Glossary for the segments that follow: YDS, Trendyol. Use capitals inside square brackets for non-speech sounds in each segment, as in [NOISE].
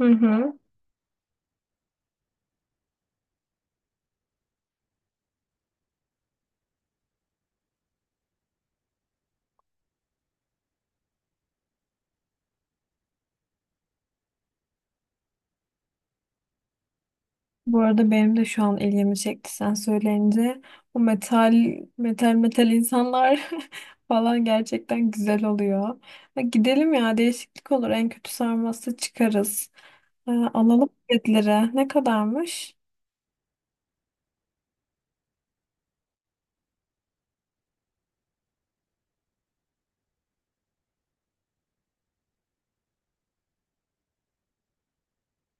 Hı hı. Bu arada benim de şu an ilgimi çekti sen söyleyince. O metal metal insanlar [LAUGHS] falan gerçekten güzel oluyor. Ha, gidelim ya, değişiklik olur. En kötü sarması çıkarız. Alalım biletleri. Ne kadarmış?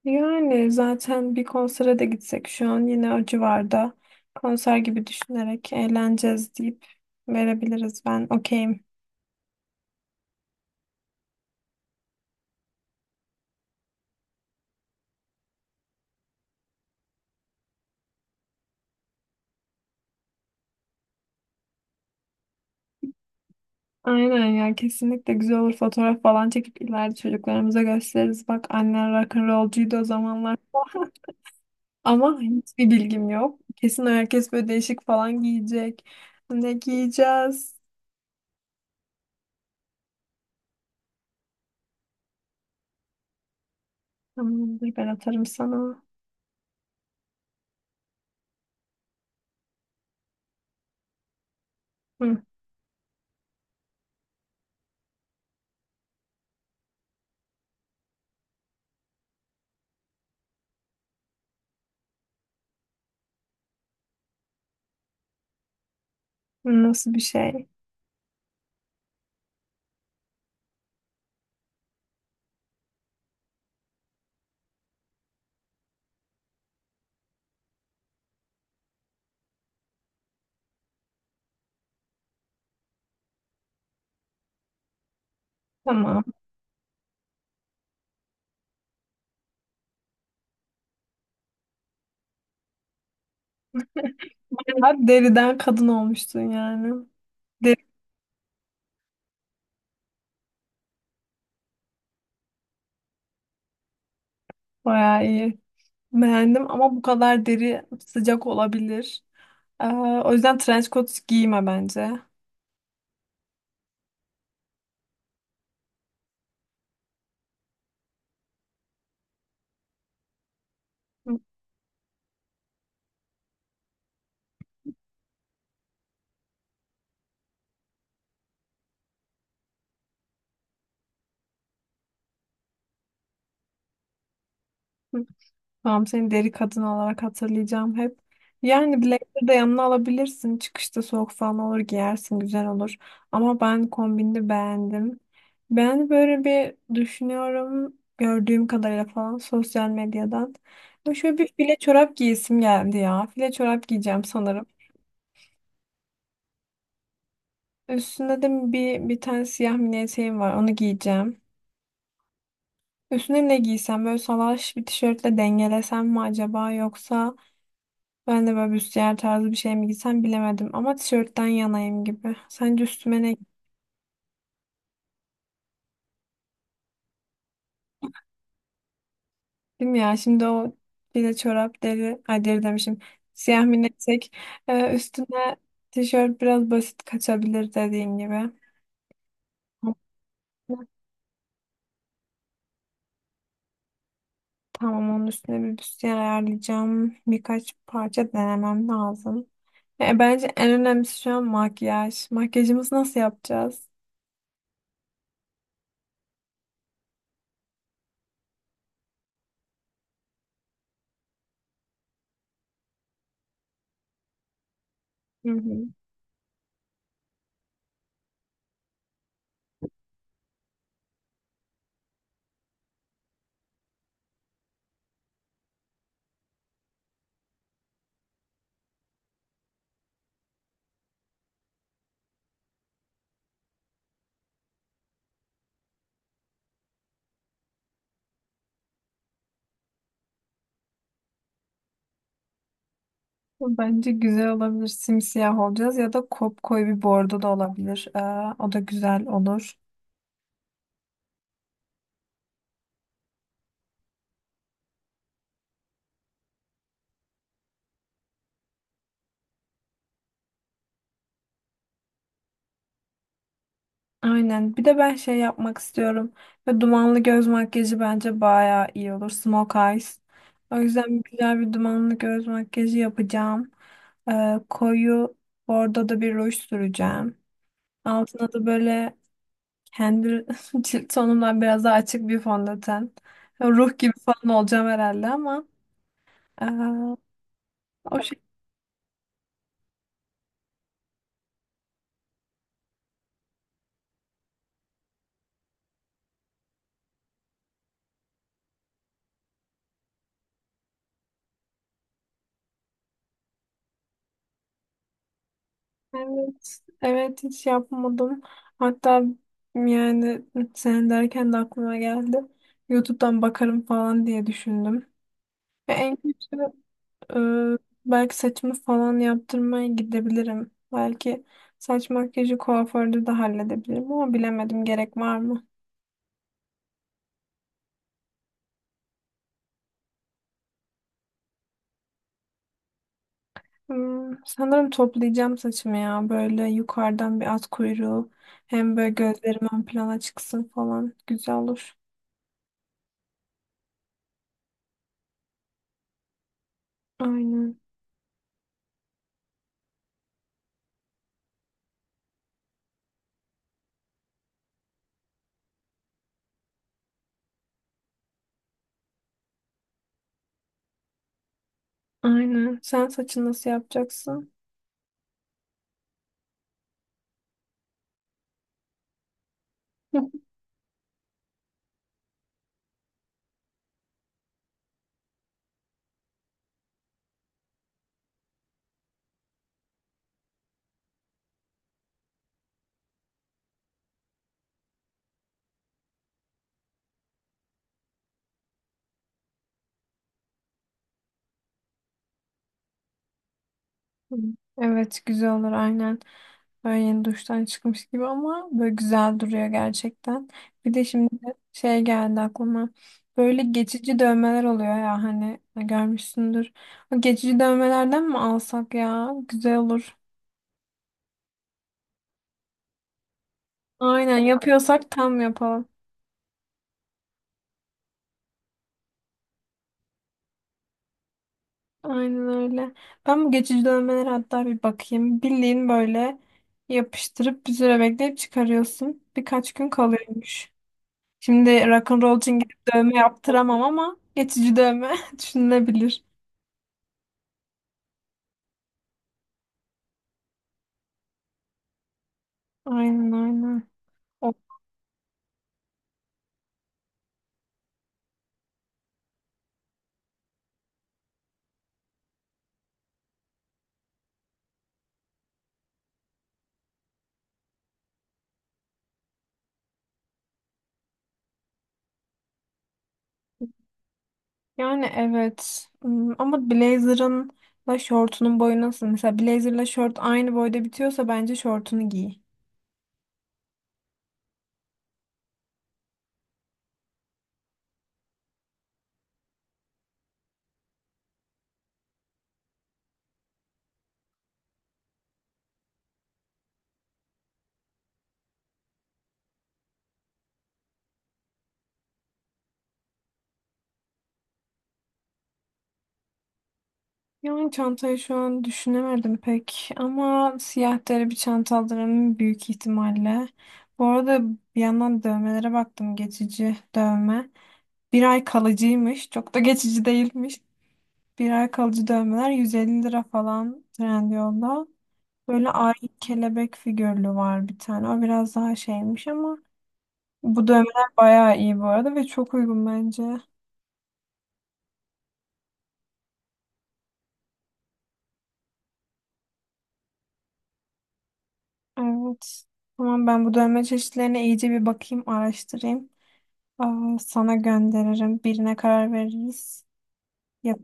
Yani zaten bir konsere de gitsek şu an yine o civarda konser gibi düşünerek eğleneceğiz deyip verebiliriz. Ben okeyim. Aynen ya, kesinlikle güzel olur, fotoğraf falan çekip ileride çocuklarımıza gösteririz. Bak, annen rock'n'rollcuydu o zamanlar. [LAUGHS] Ama hiçbir bilgim yok. Kesin herkes böyle değişik falan giyecek. Ne giyeceğiz? Tamamdır, ben atarım sana. Hı, nasıl bir şey? Tamam. Bayağı deriden kadın olmuştun yani. Deri bayağı iyi. Beğendim ama bu kadar deri sıcak olabilir. Ee, O yüzden trench coat giyme bence. Hı. Tamam, seni deri kadın olarak hatırlayacağım hep. Yani blazer de yanına alabilirsin. Çıkışta soğuk falan olur, giyersin, güzel olur. Ama ben kombini beğendim. Ben böyle bir düşünüyorum gördüğüm kadarıyla falan sosyal medyadan. Ya şöyle bir file çorap giyesim geldi ya. File çorap giyeceğim sanırım. Üstünde de bir tane siyah mini eteğim var, onu giyeceğim. Üstüne ne giysem, böyle salaş bir tişörtle dengelesem mi acaba, yoksa ben de böyle büstiyer tarzı bir şey mi giysem, bilemedim ama tişörtten yanayım gibi. Sence üstüme ne giydim ya? Şimdi o bile çorap deri, ay, deri demişim. Siyah mineksek, üstüne tişört biraz basit kaçabilir dediğin gibi. Tamam, onun üstüne bir büstiyer ayarlayacağım. Birkaç parça denemem lazım. Bence en önemlisi şu an makyaj. Makyajımızı nasıl yapacağız? Hı hı. Bence güzel olabilir. Simsiyah olacağız ya da kopkoyu bir bordo da olabilir. O da güzel olur. Aynen. Bir de ben şey yapmak istiyorum. Ve dumanlı göz makyajı bence bayağı iyi olur. Smoke eyes. O yüzden güzel bir dumanlı göz makyajı yapacağım. Koyu bordo da bir ruj süreceğim. Altına da böyle kendi [LAUGHS] cilt tonumdan biraz daha açık bir fondöten. Ruh gibi falan olacağım herhalde ama ee, o Evet, evet, hiç yapmadım. Hatta yani sen derken de aklıma geldi. YouTube'dan bakarım falan diye düşündüm. Ve en kötü e, belki saçımı falan yaptırmaya gidebilirim. Belki saç makyajı kuaförde de halledebilirim ama bilemedim, gerek var mı? Hmm, sanırım toplayacağım saçımı ya, böyle yukarıdan bir at kuyruğu, hem böyle gözlerim ön plana çıksın falan, güzel olur. Aynen. Aynen. Sen saçını nasıl yapacaksın? [LAUGHS] Evet, güzel olur aynen. Böyle yeni duştan çıkmış gibi ama böyle güzel duruyor gerçekten. Bir de şimdi şey geldi aklıma. Böyle geçici dövmeler oluyor ya hani, görmüşsündür. O geçici dövmelerden mi alsak ya? Güzel olur. Aynen, yapıyorsak tam yapalım. Aynen öyle. Ben bu geçici dövmelere hatta bir bakayım. Bildiğin böyle yapıştırıp bir süre bekleyip çıkarıyorsun. Birkaç gün kalıyormuş. Şimdi rock'n'roll için gidip dövme yaptıramam ama geçici dövme [LAUGHS] düşünülebilir. Aynen, aynen. O- Yani evet. Hmm, ama blazer'ın da şortunun boyu nasıl? Mesela blazer'la şort aynı boyda bitiyorsa bence şortunu giy. Yani çantayı şu an düşünemedim pek ama siyah deri bir çanta alırım büyük ihtimalle. Bu arada bir yandan dövmelere baktım, geçici dövme. Bir ay kalıcıymış, çok da geçici değilmiş. Bir ay kalıcı dövmeler 150 lira falan Trendyol'da. Böyle ay kelebek figürlü var bir tane. O biraz daha şeymiş ama bu dövmeler bayağı iyi bu arada ve çok uygun bence. Evet. Tamam, ben bu dövme çeşitlerine iyice bir bakayım, araştırayım. Aa, sana gönderirim. Birine karar veririz. Yap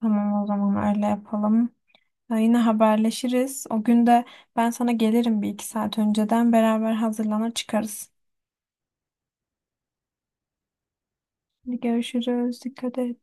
tamam, o zaman öyle yapalım. Ha, yine haberleşiriz. O gün de ben sana gelirim bir iki saat önceden. Beraber hazırlanır çıkarız. Hadi görüşürüz. Dikkat et.